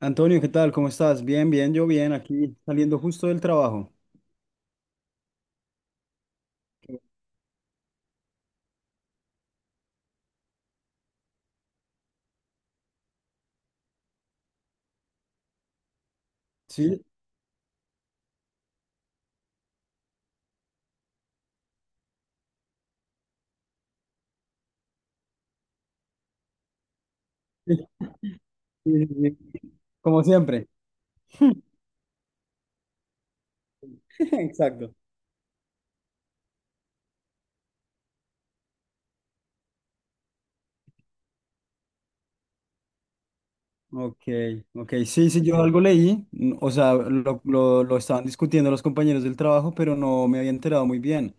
Antonio, ¿qué tal? ¿Cómo estás? Bien, bien, yo bien, aquí saliendo justo del trabajo. Sí, sí, sí, sí, sí, como siempre. Exacto. Ok, ok, sí, sí, yo algo leí, o sea, lo estaban discutiendo los compañeros del trabajo, pero no me había enterado muy bien.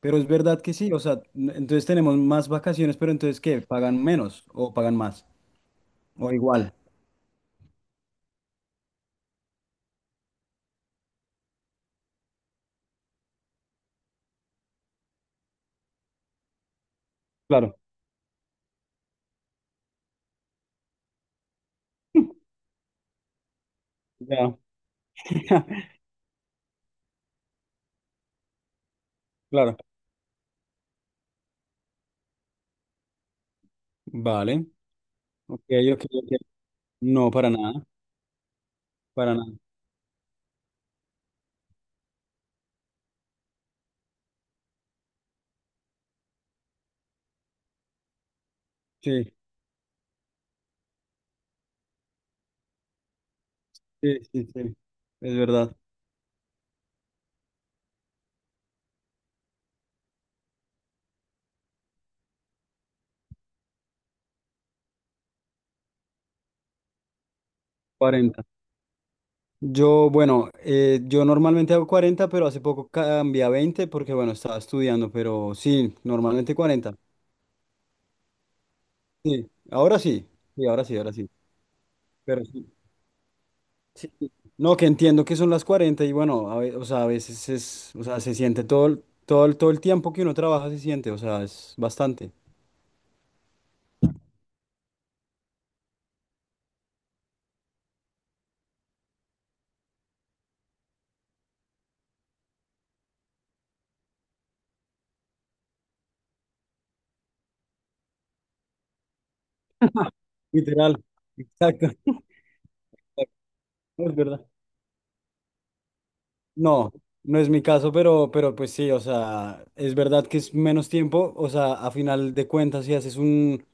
Pero es verdad que sí, o sea, entonces tenemos más vacaciones, pero entonces ¿qué? ¿Pagan menos o pagan más? O igual. Claro, ya, claro. Vale, ok, ok, ok. No, para nada, para nada. Sí. Sí, sí, sí, es verdad. Cuarenta. Yo, bueno, yo normalmente hago 40, pero hace poco cambié a 20 porque, bueno, estaba estudiando, pero sí, normalmente 40. Sí, ahora sí, sí, ahora sí, ahora sí, pero sí. Sí, sí. No, que entiendo que son las 40 y bueno, o sea, a veces es, o sea, se siente todo, todo, todo el tiempo que uno trabaja se siente, o sea, es bastante. Literal, exacto. No, es verdad. No, no es mi caso, pero pues sí, o sea, es verdad que es menos tiempo, o sea, a final de cuentas, si haces un,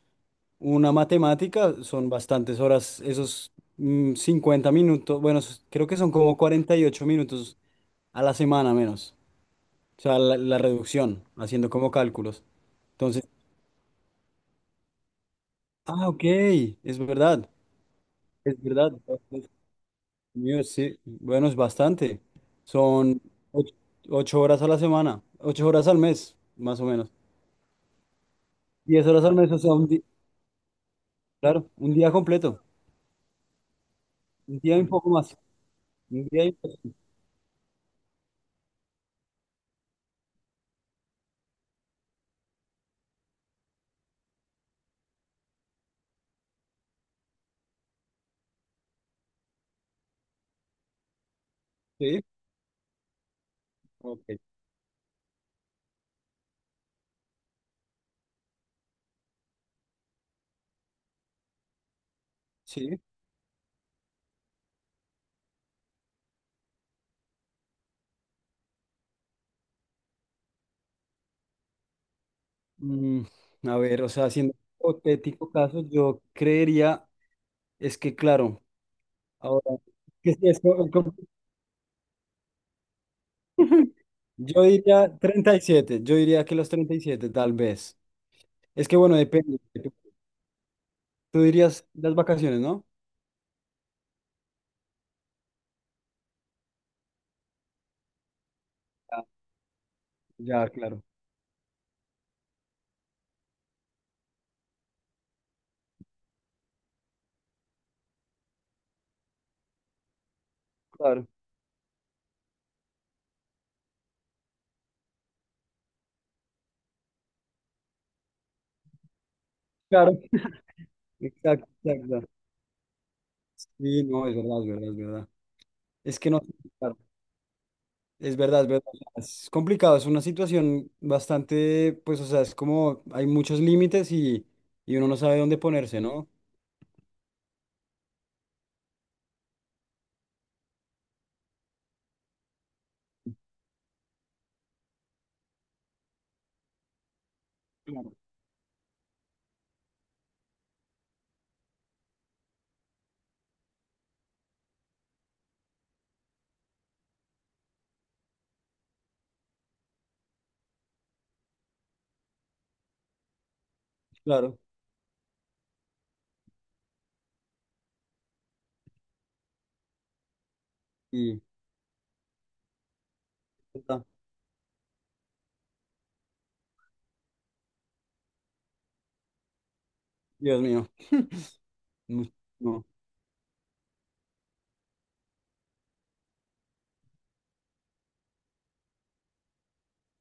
una matemática, son bastantes horas, esos 50 minutos, bueno, creo que son como 48 minutos a la semana menos, o sea, la reducción, haciendo como cálculos. Entonces, ah, ok, es verdad, es verdad, entonces, sí, bueno, es bastante, son ocho ocho horas a la semana, ocho horas al mes, más o menos. Diez horas al mes, o sea, un día, claro, un día completo, un día y un poco más, un día y sí, ok, sí. Mm, a ver, o sea, siendo hipotético caso, yo creería, es que claro, ahora, que sí, yo diría 37, yo diría que los 37, tal vez. Es que bueno, depende. Tú dirías las vacaciones, ¿no? Ah, ya, claro, claro, claro. Exacto, exacto. Sí, no, es verdad, es verdad, es verdad. Es que no, claro. Es verdad, es verdad. Es complicado, es una situación bastante, pues, o sea, es como hay muchos límites y uno no sabe dónde ponerse, ¿no? Claro. Claro. Y, ah, Dios mío, no, no,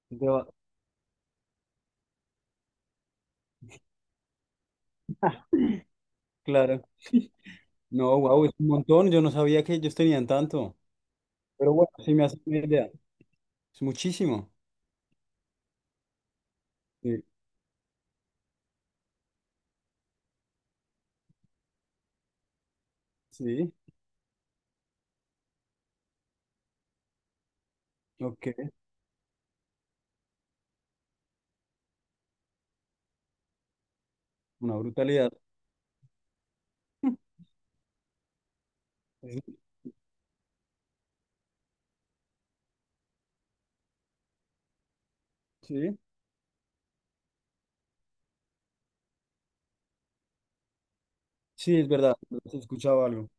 te va- claro. No, wow, es un montón. Yo no sabía que ellos tenían tanto. Pero bueno, sí me hace una idea. Es muchísimo. Sí, sí, ok, una brutalidad. Sí, sí, sí, es verdad, se escuchaba algo.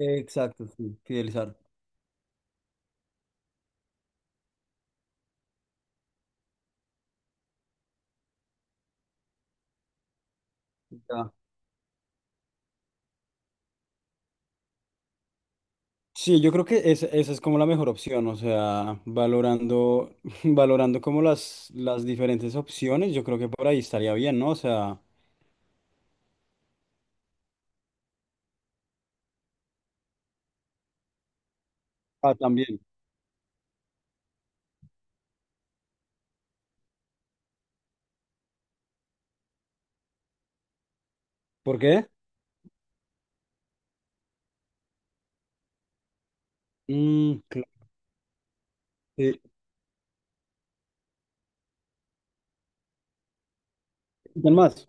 Exacto, sí, fidelizar. Ya. Sí, yo creo que esa es como la mejor opción, o sea, valorando, valorando como las diferentes opciones, yo creo que por ahí estaría bien, ¿no? O sea, ah, también. ¿Por qué? Mm, claro. eh, ¿quién más?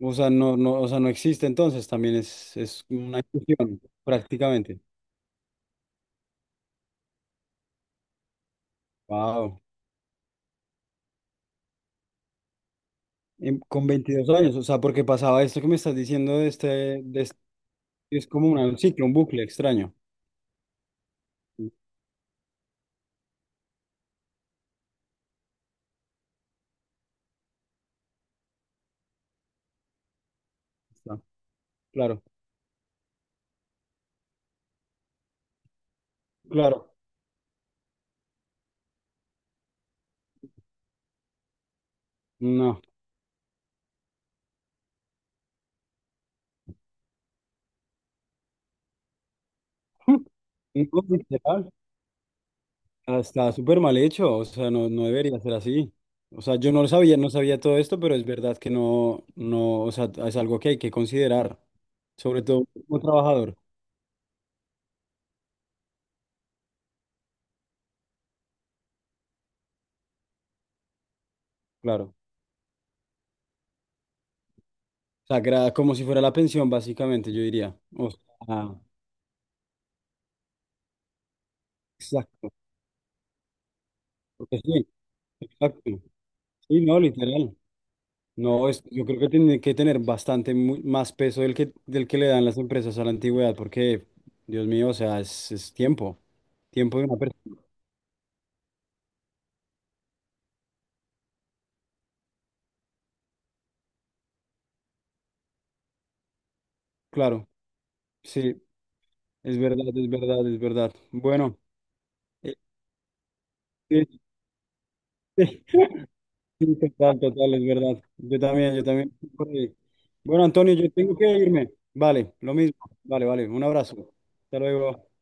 O sea, no, no, o sea, no existe entonces, también es una exclusión, prácticamente. Wow. Con 22 años, o sea, porque pasaba esto que me estás diciendo de este, de este- es como un ciclo, un bucle extraño. Está, claro, claro. No. No, literal. Ah, está súper mal hecho, o sea, no, no debería ser así. O sea, yo no lo sabía, no sabía todo esto, pero es verdad que no, no, o sea, es algo que hay que considerar, sobre todo como trabajador, claro. O sea, como si fuera la pensión, básicamente, yo diría. O sea, exacto. Porque sí, exacto. Sí, no, literal. No, es, yo creo que tiene que tener bastante más peso del que le dan las empresas a la antigüedad, porque, Dios mío, o sea, es tiempo, tiempo de una persona, claro. Sí. Es verdad, es verdad, es verdad. Bueno, eh, sí, sí, total, total, es verdad. Yo también, yo también. Estoy por ahí. Bueno, Antonio, yo tengo que irme. Vale, lo mismo. Vale, vale. Un abrazo. Hasta luego.